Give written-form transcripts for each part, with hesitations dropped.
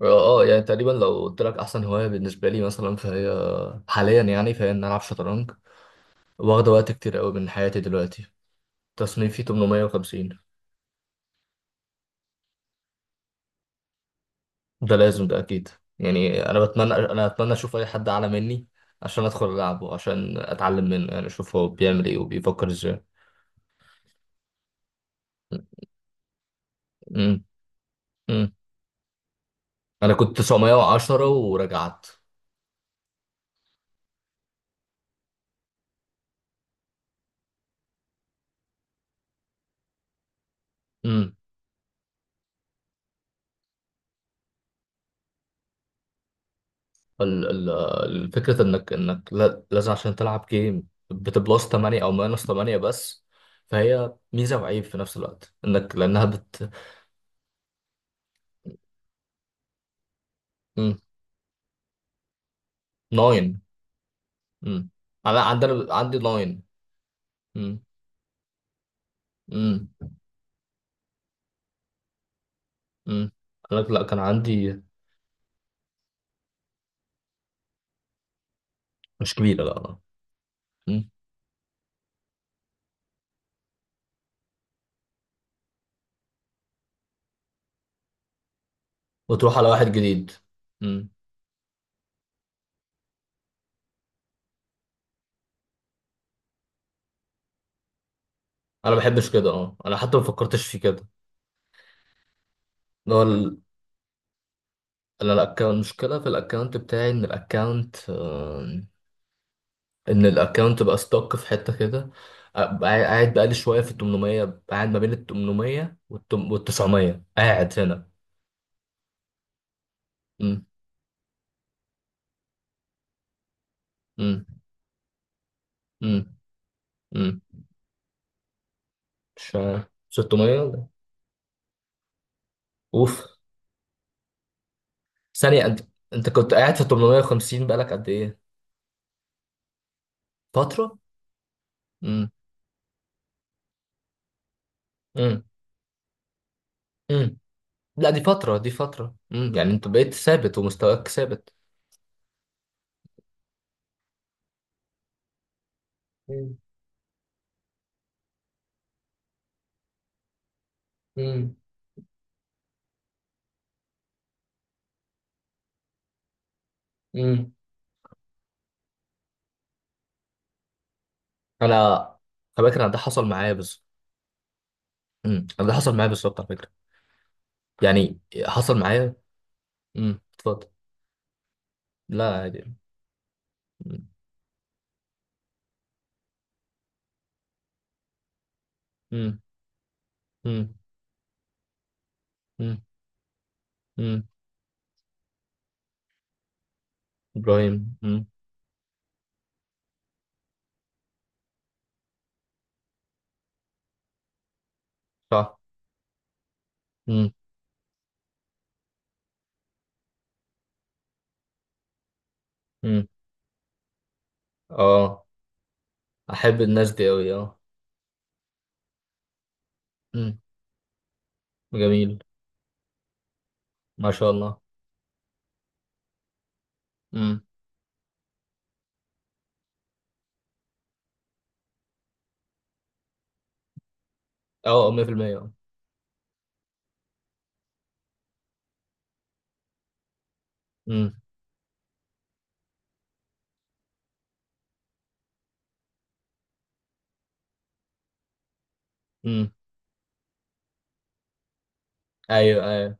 اه يعني تقريبا لو قلت لك احسن هوايه بالنسبه لي مثلا فهي حاليا يعني ان العب شطرنج. واخده وقت كتير قوي من حياتي دلوقتي. تصنيفي 850. ده لازم، ده اكيد. يعني انا اتمنى اشوف اي حد اعلى مني عشان ادخل العبه، عشان اتعلم منه. يعني اشوف هو بيعمل ايه وبيفكر ازاي. امم امم انا كنت 910 ورجعت. ال- ال- الفكرة انك انك لا- لازم عشان تلعب جيم بتبلس 8 او ماينس 8 بس. فهي ميزة وعيب في نفس الوقت، انك لانها بت. 9. انا عندنا عندي 9. امم امم امم انا لا كان عندي. مش كبيرة، لا. مم. وتروح على واحد جديد. امم. انا ما بحبش كده. اه انا حتى ما فكرتش في كده. اللي هو ال- انا الاكونت، المشكلة في الاكونت بتاعي ان الاكونت بقى ستوك في حته كده. أبقى قاعد بقالي شويه في ال 800. أبقى قاعد ما بين ال 800 وال 900، قاعد هنا. امم امم امم امم مش عارف. 600 ولا- اوف. ثانيه، انت كنت قاعد في 850 بقالك قد ايه؟ فتره. امم امم امم لا دي فتره، دي فتره. يعني انت بقيت ثابت ومستواك ثابت. امم امم امم انا، على فكره أنا ده حصل معايا بالظبط. امم، أنا ده حصل معايا بالظبط على فكره. يعني حصل معايا. امم، اتفضل. لا عادي. امم امم امم امم أمم. ابراهيم. صح. امم امم اه احب الناس دي قوي، اه. امم جميل. ما شاء الله. امم. اه 100%، اه. امم امم ايوه ايوه.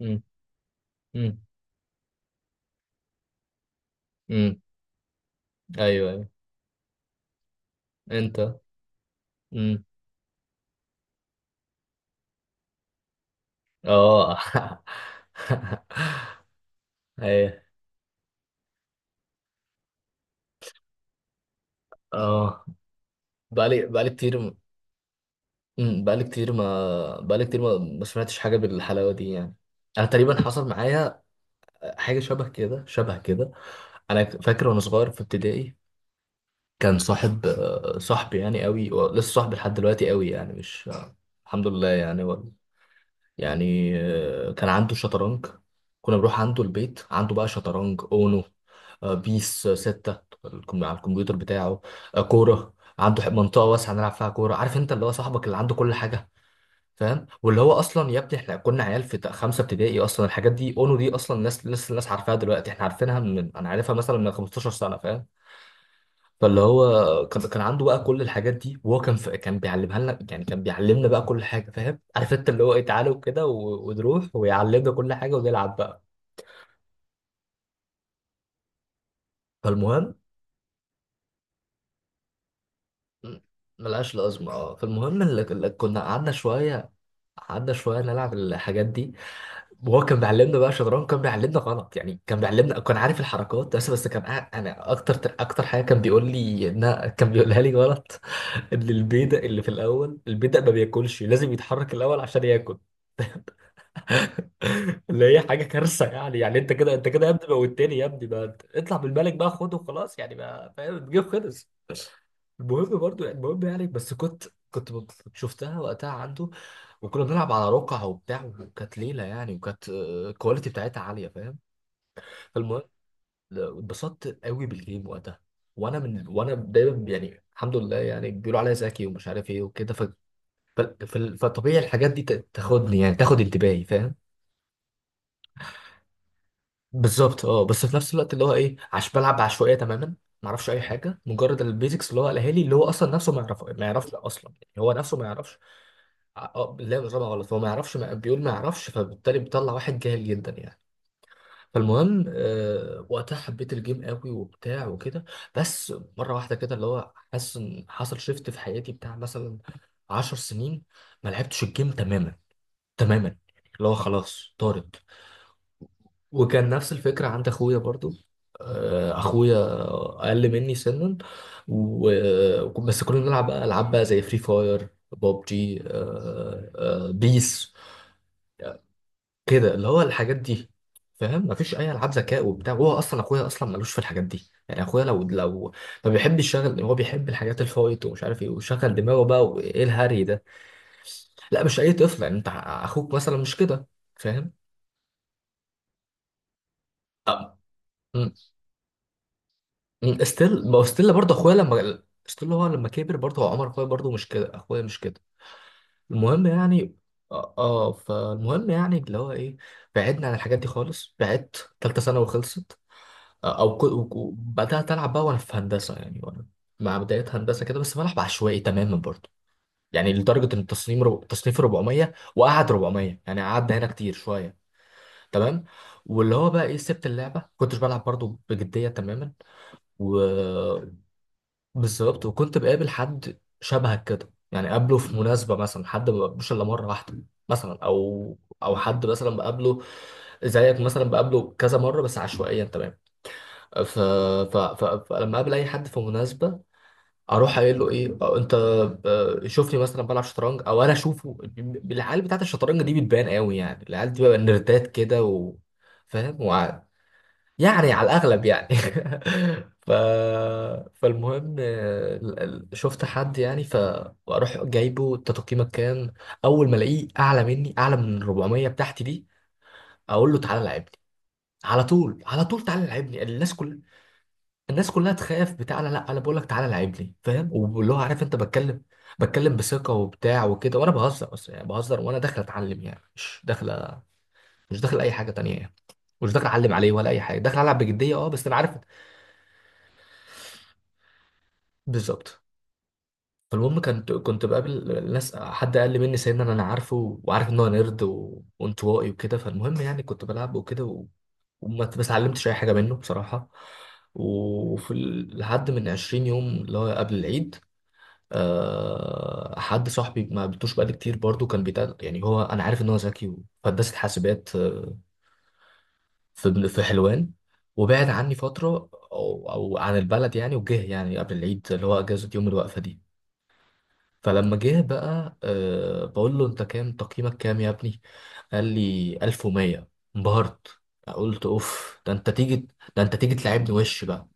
امم امم امم ايوه ايوه. انت. امم. اه. ايوه. اه. بقالي، بقالي كتير. بقالي كتير ما، بقالي كتير ما ما سمعتش حاجه بالحلاوه دي يعني. انا تقريبا حصل معايا حاجة شبه كده، شبه كده. أنا فاكر وأنا صغير في ابتدائي كان صاحب صاحبي يعني قوي لسه صاحبي لحد دلوقتي قوي يعني مش الحمد لله يعني و... يعني كان عنده شطرنج. كنا بنروح عنده البيت، عنده بقى شطرنج، أونو، بيس ستة. على الكمبيوتر بتاعه. كورة عنده، منطقة واسعة نلعب فيها كورة. عارف أنت اللي هو صاحبك اللي عنده كل حاجة. فاهم. واللي هو اصلا يا ابني، احنا كنا عيال في خمسه ابتدائي، اصلا الحاجات دي، اونو دي، اصلا ناس لسه الناس عارفاها دلوقتي، احنا عارفينها من، انا عارفها مثلا من 15 سنه. فاهم. فاللي هو كان عنده بقى كل الحاجات دي، وهو كان في... كان بيعلمها لنا. يعني كان بيعلمنا بقى كل حاجه. فاهم، عارف انت اللي هو ايه، تعالوا كده و... ونروح ويعلمنا كل حاجه ونلعب بقى. فالمهم. م- ملهاش لازمه، اه. فالمهم اللي... اللي كنا قعدنا شويه، قعدنا شويه نلعب الحاجات دي. وهو كان بيعلمنا بقى شطرنج، كان بيعلمنا غلط. يعني كان بيعلمنا، كان عارف الحركات بس كان قاعد- انا اكتر حاجه كان بيقول لي انها كان بيقولها لي غلط ان البيدق اللي في الاول، البيدق ما بياكلش، لازم يتحرك الاول عشان ياكل. اللي هي حاجه كارثه يعني. يعني انت كده يا ابني موتني يا ابني بقى، اطلع بالملك بقى، خده خلاص. يعني بقى فاهم، الجيم خلص. المهم برضو، المهم يعني بس كنت، كنت شفتها وقتها عنده. وكنا بنلعب على رقع وبتاع، وكانت ليله يعني، وكانت الكواليتي بتاعتها عاليه. فاهم. فالمهم اتبسطت قوي بالجيم وقتها. وانا من، وانا دايما يعني الحمد لله يعني بيقولوا عليا ذكي ومش عارف ايه وكده. فطبيعي الحاجات دي تاخدني، يعني تاخد انتباهي. فاهم. بالظبط، اه. بس في نفس الوقت اللي هو ايه، عش بلعب بعشوائيه تماما. ما اعرفش اي حاجه، مجرد البيزكس اللي هو قالها لي، اللي هو اصلا نفسه ما يعرف، ما يعرفش اصلا. يعني هو نفسه ما يعرفش. اه لا نظامها غلط، هو ما يعرفش. ما... بيقول ما يعرفش. فبالتالي بيطلع واحد جاهل جدا يعني. فالمهم وقتها حبيت الجيم قوي وبتاع وكده. بس مره واحده كده اللي هو حاسس ان حصل شيفت في حياتي بتاع، مثلا عشر سنين ما لعبتش الجيم تماما، تماما، اللي هو خلاص طارد. وكان نفس الفكره عند اخويا برضو. اخويا اقل مني سنا و... بس كنا بنلعب بقى العاب بقى زي فري فاير، بوب جي، بيس، كده اللي هو الحاجات دي. فاهم، مفيش اي العاب ذكاء وبتاع. وهو اصلا اخويا اصلا ملوش في الحاجات دي. يعني اخويا لو ما بيحبش يشغل، هو بيحب الحاجات الفايت ومش عارف ايه، ويشغل دماغه بقى وايه الهري ده. لا مش اي طفل يعني، انت اخوك مثلا مش كده. فاهم. مم. مم. ستيل، ما هو ستيل برضه اخويا لما، ستيل هو لما كبر برضه، هو عمر اخويا برضه مش كده، اخويا مش كده. المهم يعني، اه فالمهم يعني اللي هو ايه، بعدنا عن الحاجات دي خالص. بعدت، تالتة ثانوي خلصت. او بدات العب بقى وانا في هندسه، يعني وانا مع بدايه هندسه كده بس بلعب عشوائي تماما برضه. يعني لدرجه ان التصميم تصنيف 400، وقعد 400 يعني، قعدنا هنا كتير شويه. تمام. واللي هو بقى ايه، سبت اللعبه كنتش بلعب برضه بجديه تماما، وبالظبط. وكنت بقابل حد شبهك كده يعني، قابله في مناسبه، مثلا حد ما بقابلوش الا مره واحده مثلا، او حد مثلا بقابله زيك مثلا، بقابله كذا مره بس عشوائيا تماما. ف... فلما اقابل اي حد في مناسبه، اروح قايل له ايه أو انت، شوفني مثلا بلعب شطرنج او انا اشوفه. العيال بتاعت الشطرنج دي بتبان قوي يعني، العيال دي بقى نردات كده و... فاهم وع... يعني على الاغلب يعني. ف... فالمهم شفت حد يعني، فاروح جايبه انت تقييمك كام. اول ما الاقيه اعلى مني، اعلى من 400 بتاعتي دي، اقول له تعالى لعبني. على طول، على طول تعالى لعبني. الناس كلها، الناس كلها تخاف بتاع لا لا انا بقول لك تعالى لعب لي. فاهم. واللي هو عارف انت بتكلم، بتكلم بثقه وبتاع وكده، وانا بهزر بس يعني. بهزر وانا داخل اتعلم، يعني مش داخل، مش داخل اي حاجه تانية يعني، مش داخل اعلم عليه ولا اي حاجه، داخل العب بجديه اه بس انا عارف. بالظبط. فالمهم، كنت بقابل ناس، حد اقل مني سنا انا عارفه وعارف ان هو نيرد وانطوائي وكده. فالمهم يعني كنت بلعب وكده و... وما ما اتعلمتش اي حاجه منه بصراحه. لحد من 20 يوم اللي هو قبل العيد، حد صاحبي ما قابلتوش بقالي كتير برضو، كان بيتقال يعني هو، انا عارف ان هو ذكي في هندسه حاسبات، في في حلوان، وبعد عني فتره او عن البلد يعني، وجه يعني قبل العيد اللي هو اجازه يوم الوقفه دي. فلما جه بقى أه بقول له انت كام، تقييمك كام يا ابني؟ قال لي 1100. انبهرت. قلت اوف، ده انت تيجي، ده انت تيجي تلعبني وش بقى.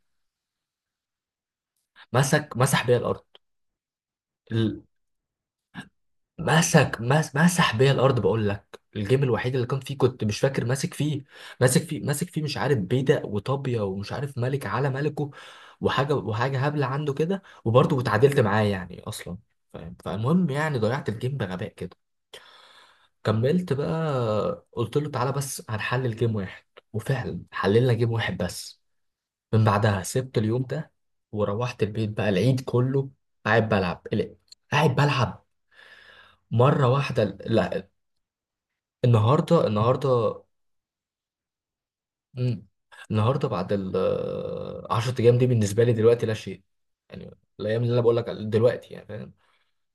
مسك مسح بيا الارض. مسك مس مسح بيا الارض. بقول لك الجيم الوحيد اللي كان فيه كنت مش فاكر ماسك فيه، ماسك فيه مش عارف بيدق وطابيه ومش عارف ملك على ملكه، وحاجه هبله عنده كده وبرضه اتعادلت معاه يعني اصلا. فاهم. فالمهم يعني ضيعت الجيم بغباء كده. كملت بقى قلت له تعالى بس هنحلل جيم واحد. وفعلا حللنا جيم واحد بس. من بعدها سبت اليوم ده، وروحت البيت بقى العيد كله قاعد بلعب، قاعد بلعب، مرة واحدة. النهارده مم. النهارده بعد ال 10 ايام دي بالنسبه لي دلوقتي لا شيء يعني. الايام اللي انا بقول لك على- دلوقتي يعني، فاهم.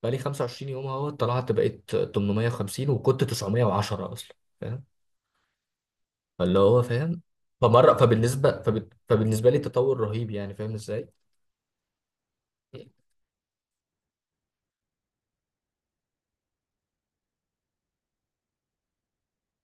بقى لي 25 يوم اهو، طلعت بقيت 850 وكنت 910 اصلا. فاهم. فاللي هو فاهم. فبالنسبه لي تطور رهيب يعني، فاهم ازاي.